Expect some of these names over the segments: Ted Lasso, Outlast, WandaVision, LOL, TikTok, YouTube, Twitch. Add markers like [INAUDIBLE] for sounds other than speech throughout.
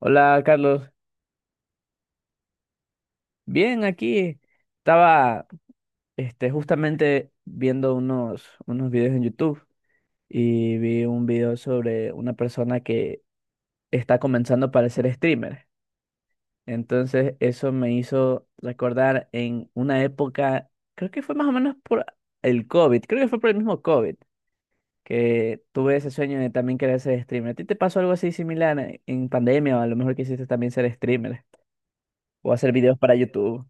Hola, Carlos. Bien, aquí estaba justamente viendo unos videos en YouTube y vi un video sobre una persona que está comenzando para ser streamer. Entonces, eso me hizo recordar en una época, creo que fue más o menos por el COVID, creo que fue por el mismo COVID, que tuve ese sueño de también querer ser streamer. ¿A ti te pasó algo así similar en pandemia o a lo mejor quisiste también ser streamer o hacer videos para YouTube?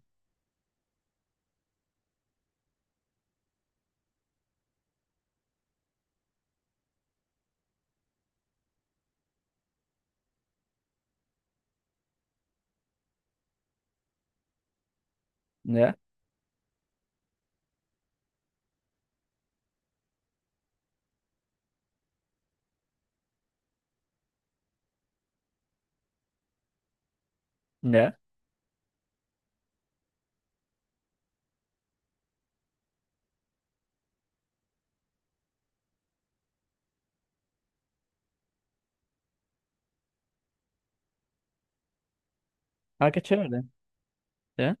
¿Ya? ¿Ya? Ah, qué chévere. ¿Ya?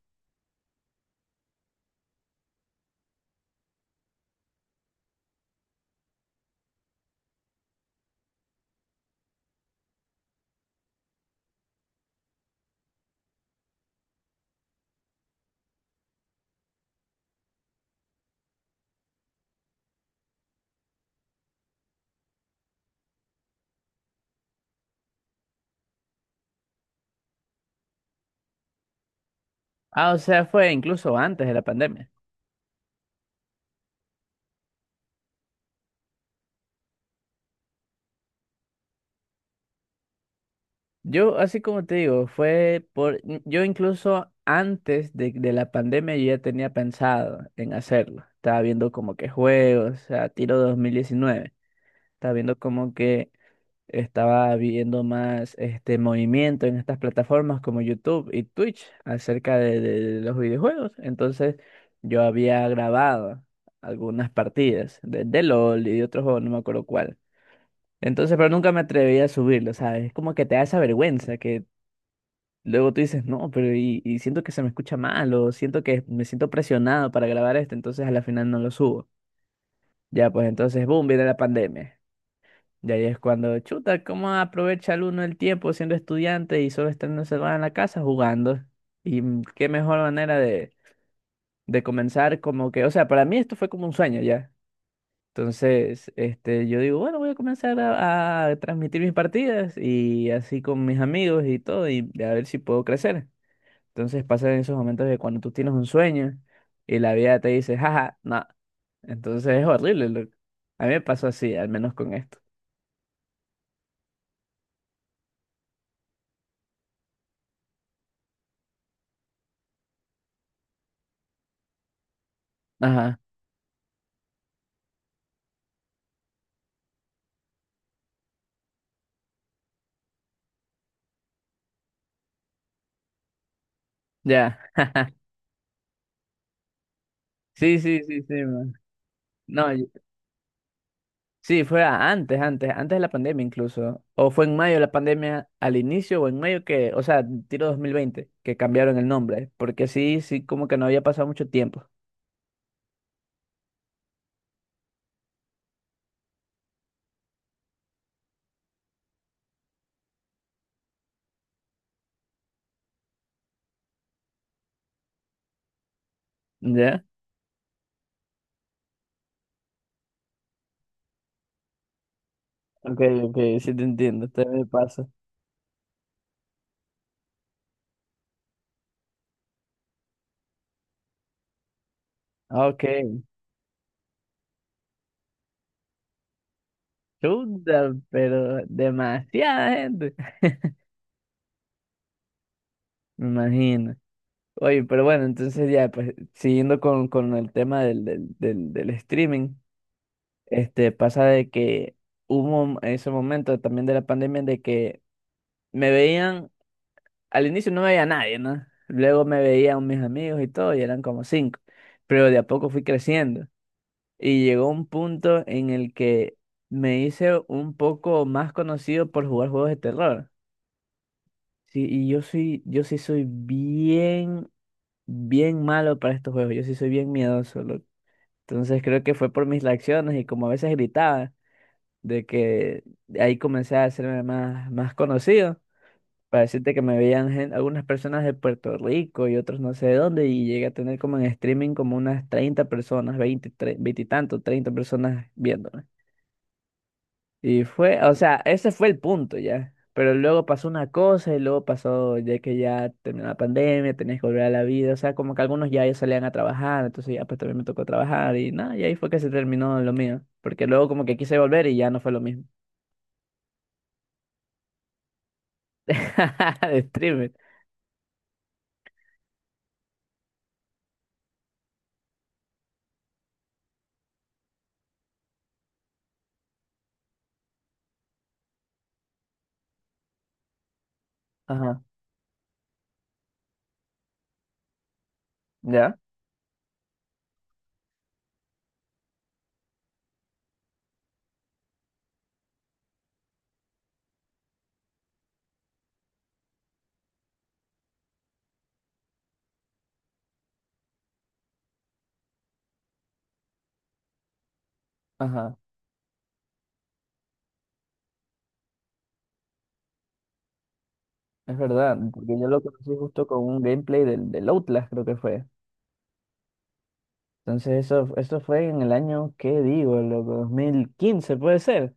Ah, o sea, fue incluso antes de la pandemia. Yo, así como te digo, fue por yo incluso antes de la pandemia yo ya tenía pensado en hacerlo. Estaba viendo como que juegos, o sea, tiro 2019. Estaba viendo como que Estaba viendo más este movimiento en estas plataformas como YouTube y Twitch acerca de los videojuegos. Entonces yo había grabado algunas partidas de LOL y de otro juego, no me acuerdo cuál. Entonces, pero nunca me atreví a subirlo, ¿sabes? Es como que te da esa vergüenza que luego tú dices, no, pero y siento que se me escucha mal o siento que me siento presionado para grabar esto, entonces a la final no lo subo. Ya, pues entonces, boom, viene la pandemia. Y ahí es cuando, chuta, ¿cómo aprovecha el uno el tiempo siendo estudiante y solo estando encerrado en la casa jugando? Y qué mejor manera de comenzar como que, o sea, para mí esto fue como un sueño ya. Entonces, yo digo, bueno, voy a comenzar a transmitir mis partidas y así con mis amigos y todo, y a ver si puedo crecer. Entonces pasan esos momentos de cuando tú tienes un sueño y la vida te dice, jaja, no. Entonces es horrible, loco. A mí me pasó así, al menos con esto. Ajá, ya. [LAUGHS] Sí, sí, sí, sí. Man. No, sí, fue antes, antes, antes de la pandemia incluso. O fue en mayo de la pandemia al inicio o en mayo que, o sea, tiro 2020 que cambiaron el nombre, porque sí, sí, como que no había pasado mucho tiempo. ¿Ya? Ok, ok, sí te entiendo, te me pasa. Ok, chuta, pero demasiada gente. [LAUGHS] Me imagino. Oye, pero bueno, entonces ya, pues siguiendo con el tema del streaming, pasa de que hubo ese momento también de la pandemia de que me veían, al inicio no me veía nadie, ¿no? Luego me veían mis amigos y todo, y eran como cinco. Pero de a poco fui creciendo. Y llegó un punto en el que me hice un poco más conocido por jugar juegos de terror. Sí, y yo sí soy bien, bien malo para estos juegos. Yo sí soy bien miedoso, loco. Entonces creo que fue por mis reacciones y como a veces gritaba, de que ahí comencé a hacerme más, más conocido. Para decirte que me veían algunas personas de Puerto Rico y otros no sé de dónde, y llegué a tener como en streaming como unas 30 personas, 20 y tanto, 30 personas viéndome. Y fue, o sea, ese fue el punto ya. Pero luego pasó una cosa y luego pasó, ya que ya terminó la pandemia, tenías que volver a la vida, o sea, como que algunos ya salían a trabajar, entonces ya pues también me tocó trabajar y nada, y ahí fue que se terminó lo mío, porque luego como que quise volver y ya no fue lo mismo. [LAUGHS] De streamer. Ajá, ya, ajá. Es verdad, porque yo lo conocí justo con un gameplay del Outlast, creo que fue. Entonces eso fue en el año, ¿qué digo? Loco, 2015 puede ser.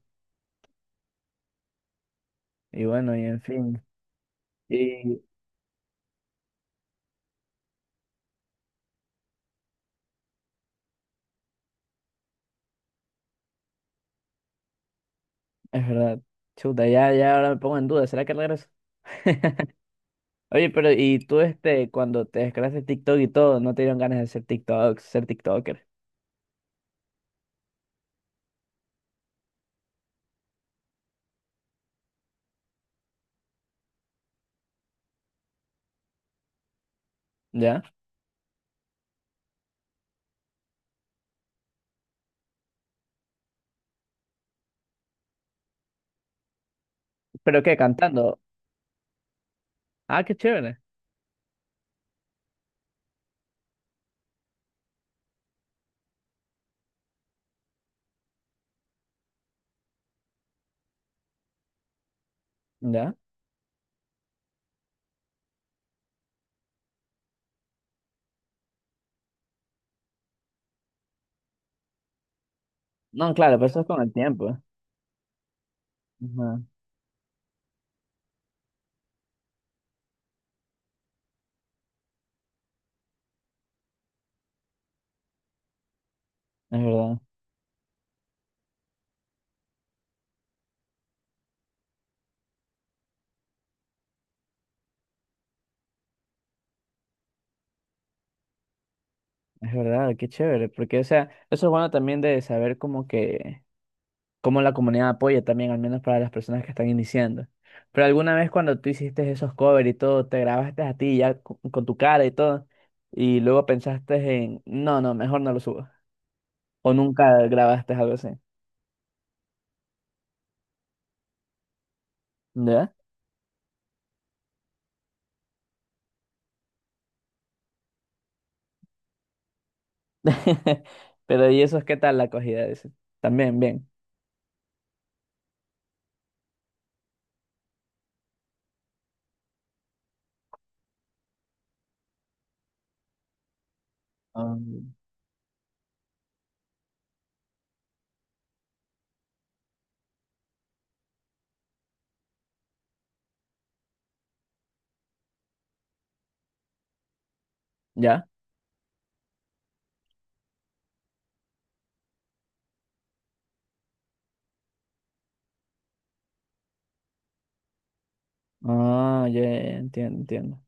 Y bueno, y en fin. Y es verdad. Chuta, ya, ahora me pongo en duda, ¿será que regreso? [LAUGHS] Oye, pero y tú cuando te descargaste TikTok y todo, no te dieron ganas de ser ser TikToker, ¿ya? ¿Pero qué? ¿Cantando? Ah, qué chévere, ¿ya? No, claro, pero eso es con el tiempo. Ajá, es verdad. Es verdad, qué chévere, porque o sea, eso es bueno también de saber como que, cómo la comunidad apoya también, al menos para las personas que están iniciando. Pero alguna vez cuando tú hiciste esos covers y todo, te grabaste a ti ya con, tu cara y todo, y luego pensaste en, no, no, mejor no lo subo. O nunca grabaste algo así, ¿ya? [LAUGHS] Pero ¿y eso es qué tal la acogida de ese? También, bien. Ah, ¿ya? Ah, ya, ya, ya, entiendo, entiendo.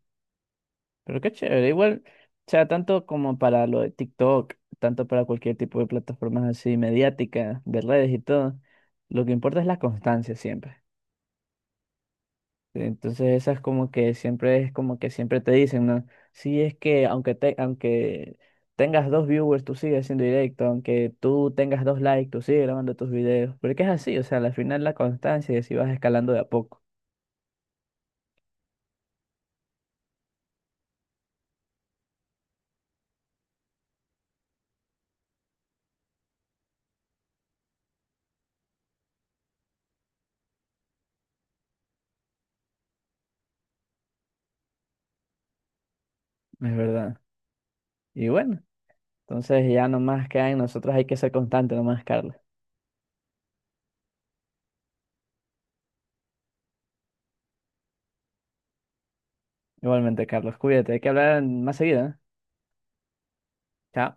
Pero qué chévere, igual, o sea, tanto como para lo de TikTok, tanto para cualquier tipo de plataformas así mediáticas, de redes y todo, lo que importa es la constancia siempre. Entonces esa es como que siempre es como que siempre te dicen, ¿no? Sí, es que aunque aunque tengas dos viewers, tú sigues haciendo directo, aunque tú tengas dos likes, tú sigues grabando tus videos. Porque es así, o sea, al final la constancia es si vas escalando de a poco, es verdad. Y bueno, entonces ya nomás queda en nosotros hay que ser constante nomás, Carlos. Igualmente, Carlos, cuídate, hay que hablar más seguido, ¿eh? Chao.